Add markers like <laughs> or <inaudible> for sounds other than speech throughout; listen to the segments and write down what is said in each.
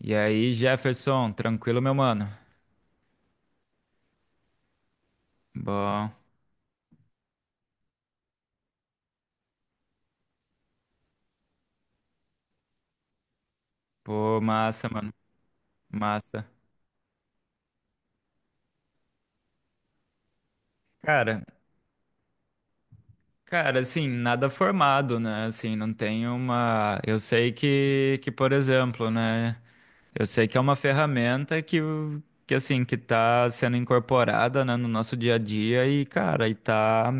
E aí, Jefferson, tranquilo, meu mano? Bom, pô, massa, mano, massa. Cara, assim, nada formado, né? Assim, não tem uma. Eu sei que, por exemplo, né? Eu sei que é uma ferramenta que assim, que tá sendo incorporada, né, no nosso dia a dia e, cara, e tá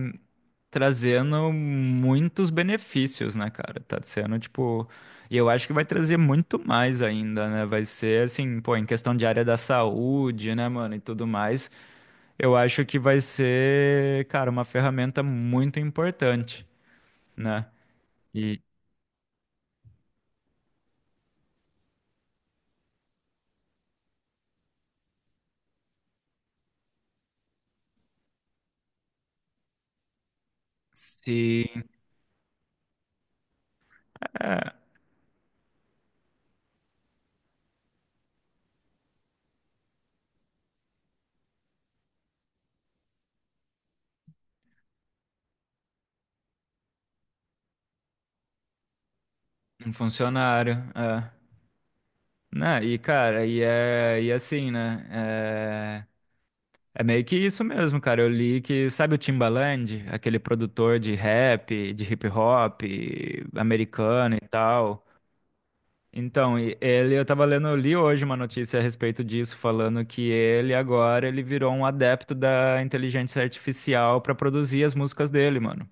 trazendo muitos benefícios, né, cara? Tá sendo, tipo, e eu acho que vai trazer muito mais ainda, né? Vai ser assim, pô, em questão de área da saúde, né, mano, e tudo mais, eu acho que vai ser, cara, uma ferramenta muito importante, né? E se é, um funcionário, é, né? E cara, e é, e assim, né? É meio que isso mesmo, cara. Eu li que, sabe o Timbaland, aquele produtor de rap, de hip hop americano e tal. Então, ele, eu tava lendo, eu li hoje uma notícia a respeito disso, falando que ele agora ele virou um adepto da inteligência artificial pra produzir as músicas dele, mano.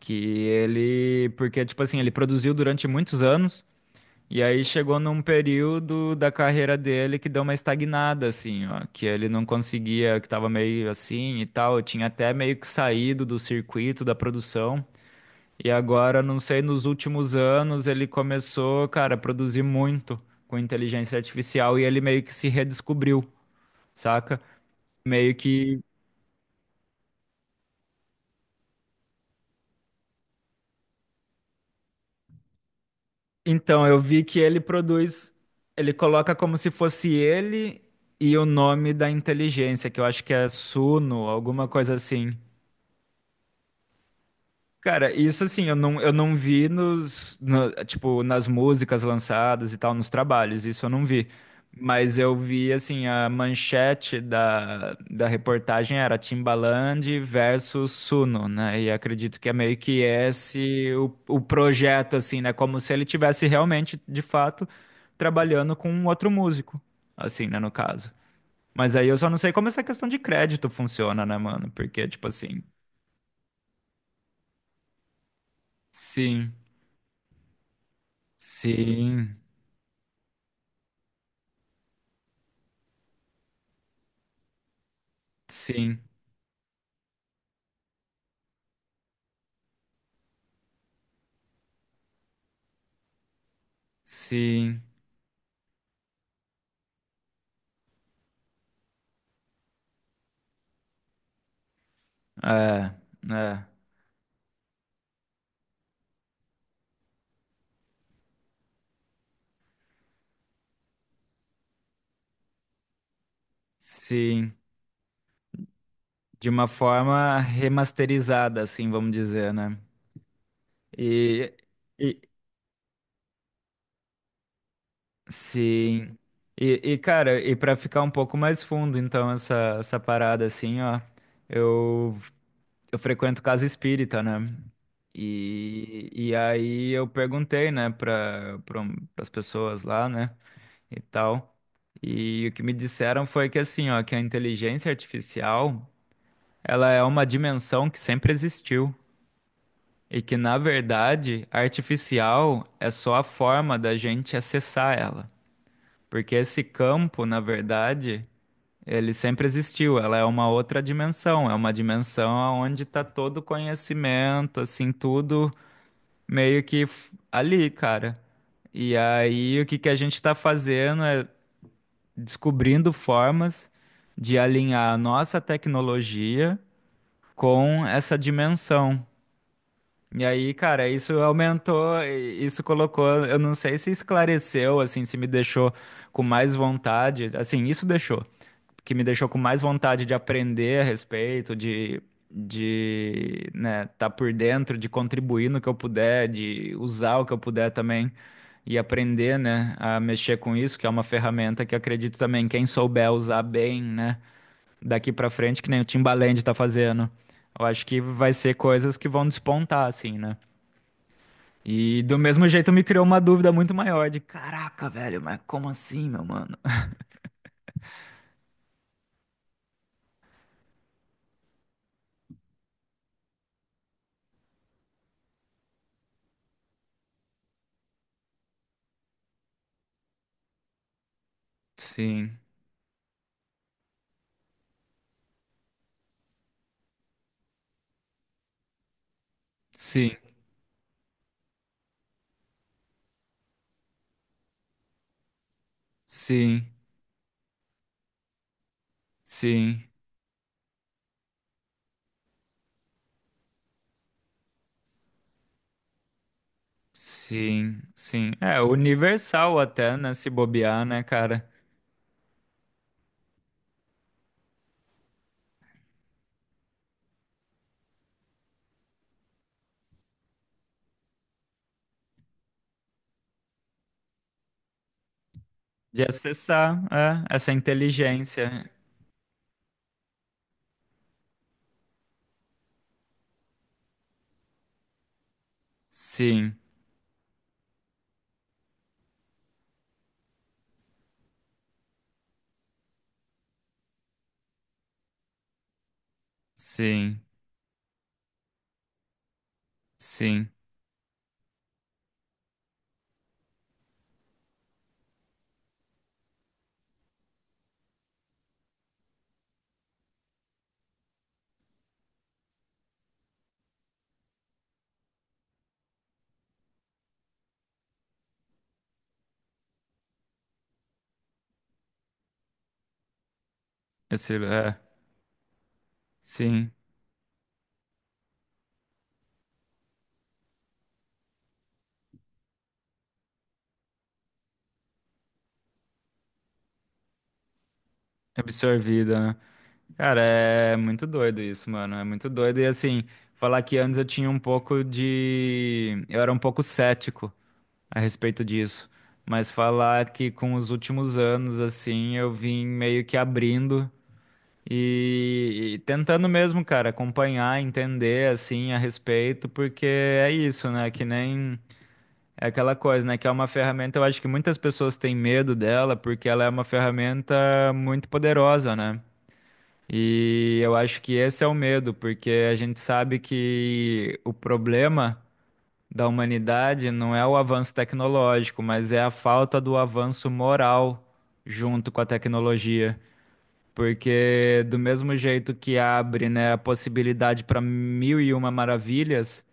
Que ele, porque tipo assim, ele produziu durante muitos anos. E aí chegou num período da carreira dele que deu uma estagnada, assim, ó, que ele não conseguia, que tava meio assim e tal, tinha até meio que saído do circuito da produção. E agora, não sei, nos últimos anos ele começou, cara, a produzir muito com inteligência artificial e ele meio que se redescobriu, saca? Meio que. Então, eu vi que ele produz, ele coloca como se fosse ele e o nome da inteligência, que eu acho que é Suno, alguma coisa assim. Cara, isso assim, eu não vi nos, tipo, nas músicas lançadas e tal, nos trabalhos, isso eu não vi. Mas eu vi, assim, a manchete da reportagem era Timbaland versus Suno, né? E acredito que é meio que esse o projeto, assim, né? Como se ele tivesse realmente, de fato, trabalhando com um outro músico, assim, né, no caso. Mas aí eu só não sei como essa questão de crédito funciona, né, mano? Porque, tipo assim, sim, sim. Sim, sim, é, é, sim, de uma forma remasterizada, assim, vamos dizer, né? E, e sim, e, cara, e para ficar um pouco mais fundo, então, essa parada, assim, ó, eu, eu frequento casa espírita, né? E aí eu perguntei, né, para pra as pessoas lá, né, e tal, e o que me disseram foi que, assim, ó, que a inteligência artificial, ela é uma dimensão que sempre existiu e que, na verdade, artificial é só a forma da gente acessar ela. Porque esse campo, na verdade, ele sempre existiu. Ela é uma outra dimensão, é uma dimensão onde está todo o conhecimento, assim, tudo meio que ali, cara. E aí, o que que a gente está fazendo é descobrindo formas de alinhar a nossa tecnologia com essa dimensão. E aí, cara, isso aumentou, isso colocou, eu não sei se esclareceu, assim, se me deixou com mais vontade, assim, que me deixou com mais vontade de aprender a respeito, de, né, tá por dentro, de contribuir no que eu puder, de usar o que eu puder também e aprender, né, a mexer com isso, que é uma ferramenta que acredito também, quem souber usar bem, né, daqui pra frente, que nem o Timbaland tá fazendo, eu acho que vai ser coisas que vão despontar, assim, né? E do mesmo jeito me criou uma dúvida muito maior de, caraca, velho, mas como assim, meu mano? Sim, sim, sim, sim, sim, sim. É universal até, né, se bobear, né, cara? De acessar, é, essa inteligência. Sim, sim, sim. Esse, é, sim, absorvida, né? Cara, é muito doido isso, mano. É muito doido. E assim, falar que antes eu tinha um pouco de. Eu era um pouco cético a respeito disso, mas falar que com os últimos anos, assim, eu vim meio que abrindo e tentando mesmo, cara, acompanhar, entender, assim, a respeito, porque é isso, né? Que nem é aquela coisa, né? Que é uma ferramenta, eu acho que muitas pessoas têm medo dela, porque ela é uma ferramenta muito poderosa, né? E eu acho que esse é o medo, porque a gente sabe que o problema da humanidade não é o avanço tecnológico, mas é a falta do avanço moral junto com a tecnologia. Porque do mesmo jeito que abre, né, a possibilidade para mil e uma maravilhas,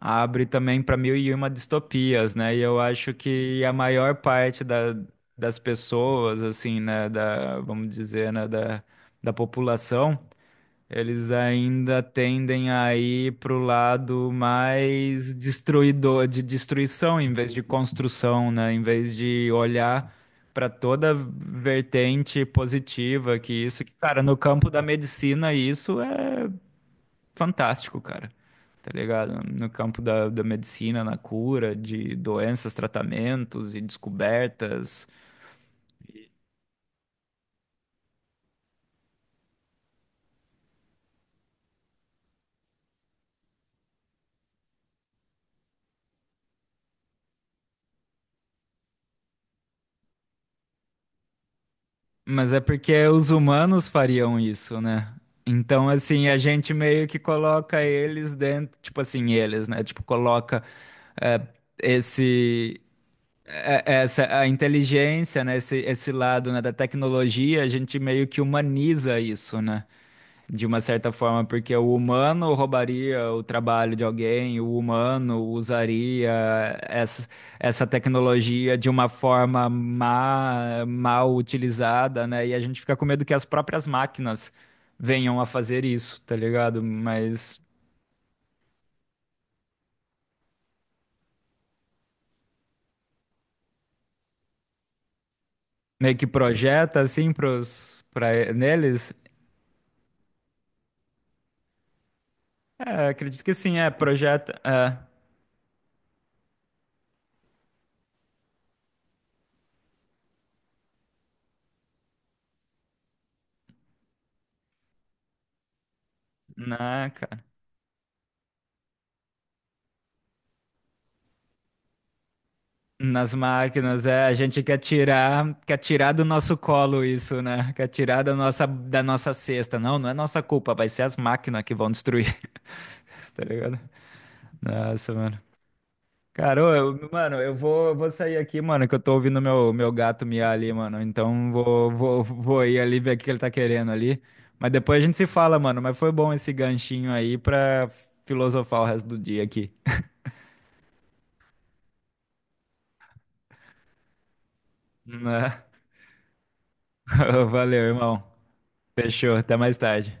abre também para mil e uma distopias, né? E eu acho que a maior parte das pessoas, assim, né, vamos dizer, né, da população, eles ainda tendem a ir pro lado mais destruidor, de destruição em vez de construção, né? Em vez de olhar para toda vertente positiva que isso, que, cara, no campo da medicina isso é fantástico, cara. Tá ligado? No campo da medicina, na cura de doenças, tratamentos e descobertas. Mas é porque os humanos fariam isso, né? Então, assim, a gente meio que coloca eles dentro, tipo assim, eles, né? Tipo, coloca é, esse é, essa a inteligência, né? Esse lado, né, da tecnologia, a gente meio que humaniza isso, né? De uma certa forma, porque o humano roubaria o trabalho de alguém, o humano usaria essa, essa tecnologia de uma forma má, mal utilizada, né? E a gente fica com medo que as próprias máquinas venham a fazer isso, tá ligado? Mas meio que projeta assim pros, pra, neles. É, acredito que sim, é, projeta. É, né, cara? Nas máquinas, é, a gente quer tirar do nosso colo isso, né? Quer tirar da nossa cesta. Não, não é nossa culpa, vai ser as máquinas que vão destruir, <laughs> tá ligado? Nossa, mano. Cara, ô, eu, mano, eu vou sair aqui, mano, que eu tô ouvindo meu gato miar ali, mano. Então vou ir ali ver o que ele tá querendo ali. Mas depois a gente se fala, mano. Mas foi bom esse ganchinho aí pra filosofar o resto do dia aqui. Né? <laughs> Valeu, irmão. Fechou, até mais tarde.